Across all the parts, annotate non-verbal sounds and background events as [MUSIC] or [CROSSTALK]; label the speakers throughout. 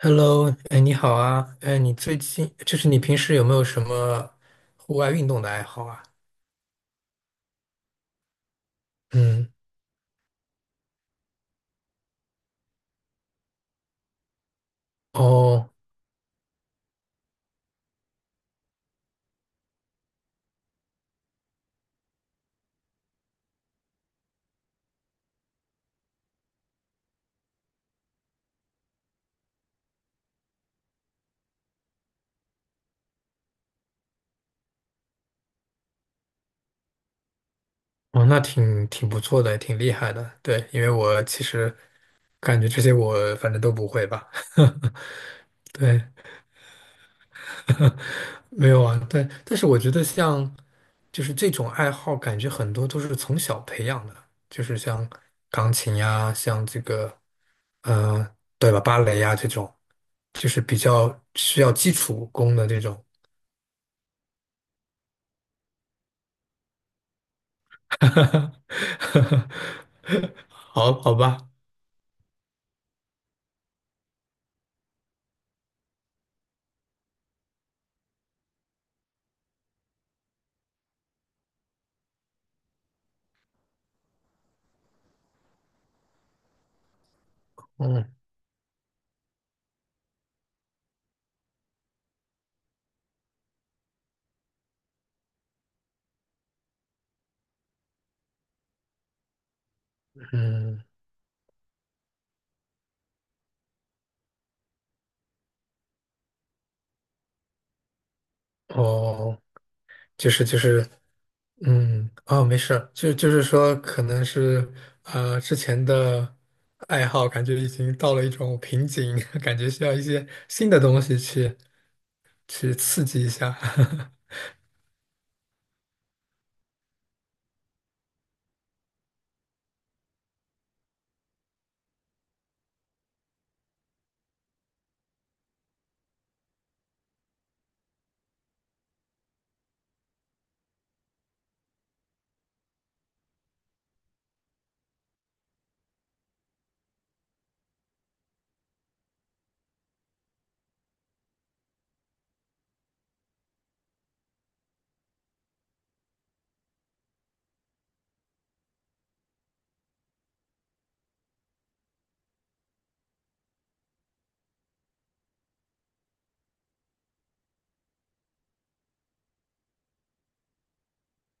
Speaker 1: Hello，哎，你好啊，哎，你最近就是你平时有没有什么户外运动的爱好啊？嗯，哦，哦，那挺不错的，挺厉害的。对，因为我其实感觉这些我反正都不会吧。[LAUGHS] 对，[LAUGHS] 没有啊，对，但是我觉得像就是这种爱好，感觉很多都是从小培养的，就是像钢琴呀，像这个。嗯，对吧？芭蕾呀，这种，就是比较需要基础功的这种。[LAUGHS] 好好吧，嗯嗯，哦，就是，嗯，哦，没事儿就是说，可能是之前的爱好，感觉已经到了一种瓶颈，[LAUGHS] 感觉需要一些新的东西去刺激一下。[LAUGHS]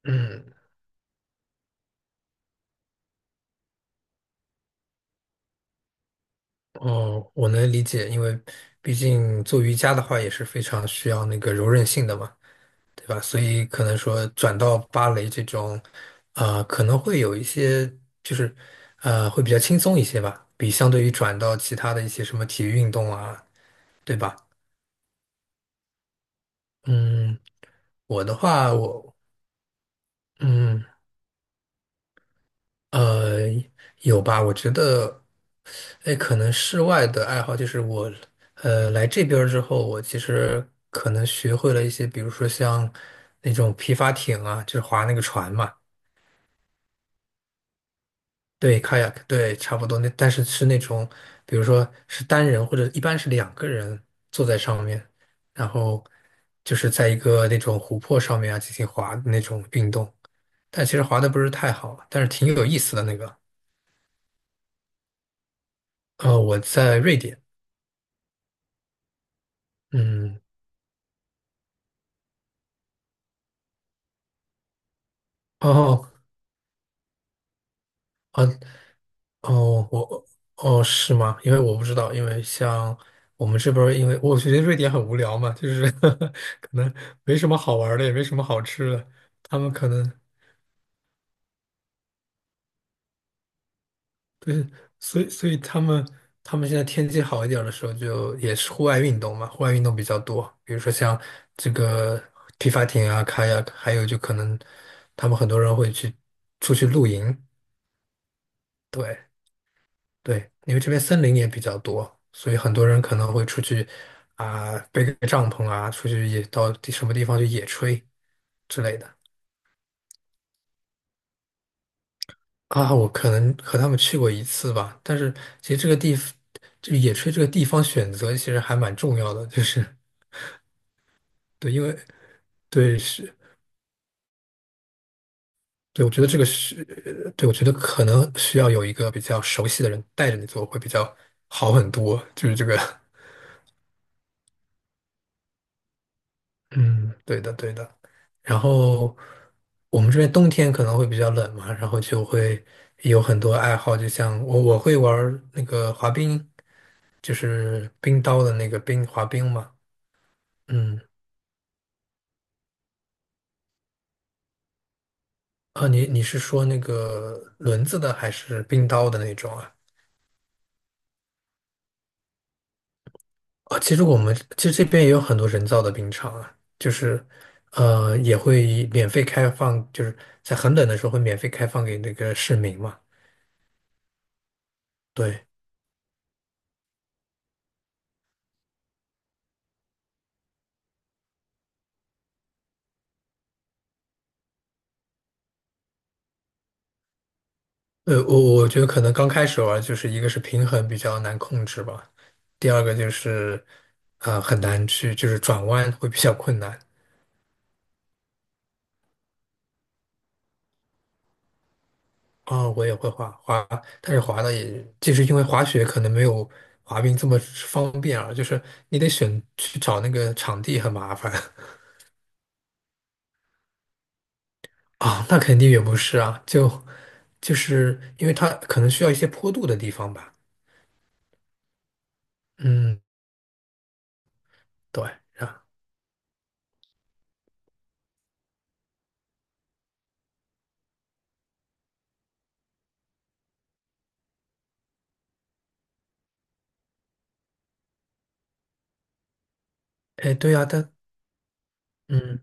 Speaker 1: 嗯。哦，我能理解，因为毕竟做瑜伽的话也是非常需要那个柔韧性的嘛，对吧？所以可能说转到芭蕾这种，啊、可能会有一些就是，会比较轻松一些吧，比相对于转到其他的一些什么体育运动啊，对吧？嗯，我的话，我嗯呃有吧，我觉得。哎，可能室外的爱好就是我，来这边儿之后，我其实可能学会了一些，比如说像那种皮划艇啊，就是划那个船嘛，对，kayak，对，差不多那，但是是那种，比如说是单人或者一般是两个人坐在上面，然后就是在一个那种湖泊上面啊进行划的那种运动，但其实划的不是太好，但是挺有意思的那个。我在瑞典，嗯，哦。哦，哦，哦是吗？因为我不知道，因为像我们这边儿因为我觉得瑞典很无聊嘛，就是 [LAUGHS] 可能没什么好玩儿的，也没什么好吃的。他们可能，所以他们现在天气好一点儿的时候，就也是户外运动嘛，户外运动比较多，比如说像这个皮划艇啊、开 a 还有就可能他们很多人会去出去露营，对。对，因为这边森林也比较多，所以很多人可能会出去啊，背个帐篷啊，出去野到地什么地方去野炊之类的啊。我可能和他们去过一次吧，但是其实这个地这个野炊这个地方选择其实还蛮重要的，就是对，因为对是，对我觉得这个是，对我觉得可能需要有一个比较熟悉的人带着你做会比较好很多，就是这个。嗯，对的，对的。然后我们这边冬天可能会比较冷嘛，然后就会有很多爱好，就像我会玩儿那个滑冰，就是冰刀的那个滑冰嘛。嗯，啊，你是说那个轮子的还是冰刀的那种啊？啊，其实我们其实这边也有很多人造的冰场啊，就是也会免费开放，就是在很冷的时候会免费开放给那个市民嘛。对。我觉得可能刚开始玩，就是一个是平衡比较难控制吧，第二个就是，很难去就是转弯会比较困难。啊，我也会滑滑，但是滑的也就是因为滑雪可能没有滑冰这么方便啊，就是你得去找那个场地很麻烦 [LAUGHS] 啊，那肯定也不是啊，就是因为它可能需要一些坡度的地方吧。嗯，对，啊，哎，对啊，但嗯。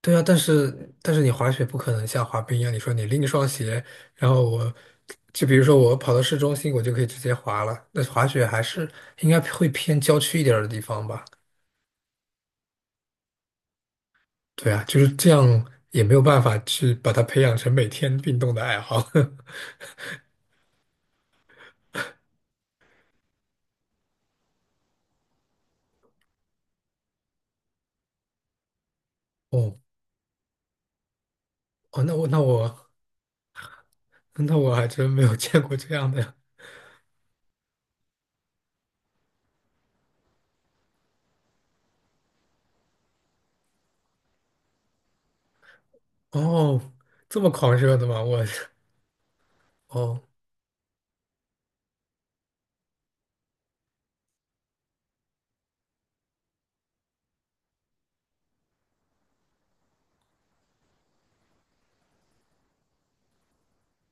Speaker 1: 对啊，但是你滑雪不可能像滑冰一样，你说你拎一双鞋，然后我就比如说我跑到市中心，我就可以直接滑了。那滑雪还是应该会偏郊区一点儿的地方吧？对啊，就是这样，也没有办法去把它培养成每天运动的爱好。[LAUGHS] 哦哦，那我还真没有见过这样的哦，这么狂热的吗？我 [LAUGHS] 哦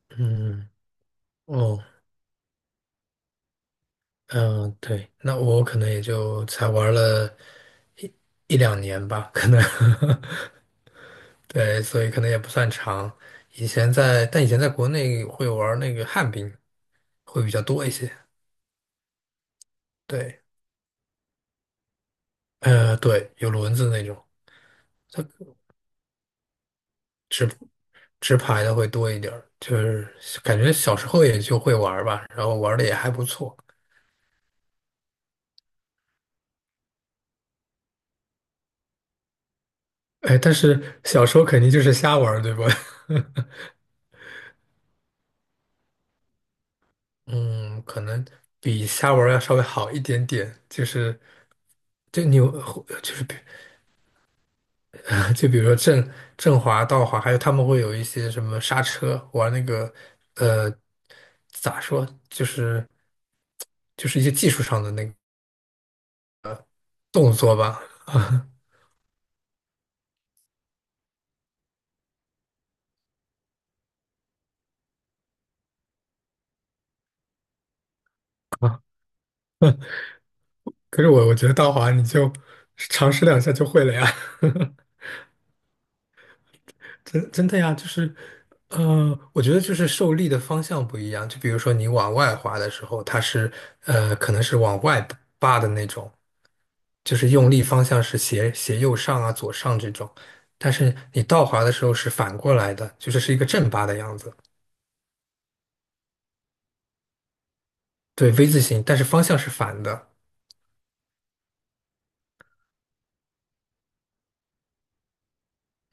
Speaker 1: 嗯哦。嗯，对，那我可能也就才玩了一一两年吧，可能，[LAUGHS] 对，所以可能也不算长。以前在，但以前在国内会玩那个旱冰，会比较多一些。对，对，有轮子那种，它直排的会多一点儿就是感觉小时候也就会玩儿吧，然后玩的也还不错。哎，但是小时候肯定就是瞎玩儿对吧？[LAUGHS] 嗯，可能比虾玩要稍微好一点点，就是，就你有就是比 [LAUGHS]，就比如说正滑倒滑，还有他们会有一些什么刹车，玩那个，呃，咋说，就是一些技术上的那个动作吧。[LAUGHS] 啊。可是我觉得道华你就尝试两下就会了呀。[LAUGHS] 真的呀，就是，我觉得就是受力的方向不一样。就比如说你往外滑的时候，它是可能是往外扒的那种，就是用力方向是斜斜右上啊、左上这种。但是你倒滑的时候是反过来的，就是是一个正八的样子，对，V 字形，但是方向是反的。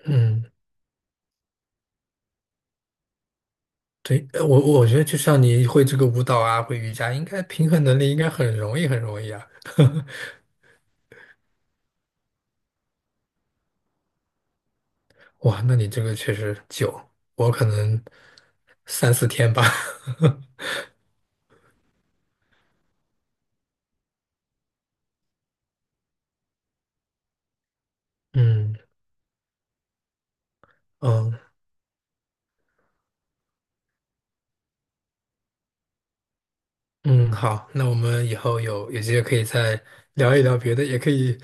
Speaker 1: 嗯，对，我觉得就像你会这个舞蹈啊，会瑜伽，应该平衡能力应该很容易很容易啊。哇，那你这个确实久，我可能三四天吧。[LAUGHS] 嗯嗯嗯，好，那我们以后有机会可以再聊一聊别的，也可以，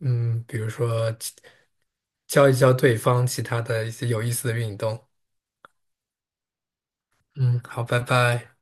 Speaker 1: 嗯，比如说教一教对方其他的一些有意思的运动。嗯，好，拜拜。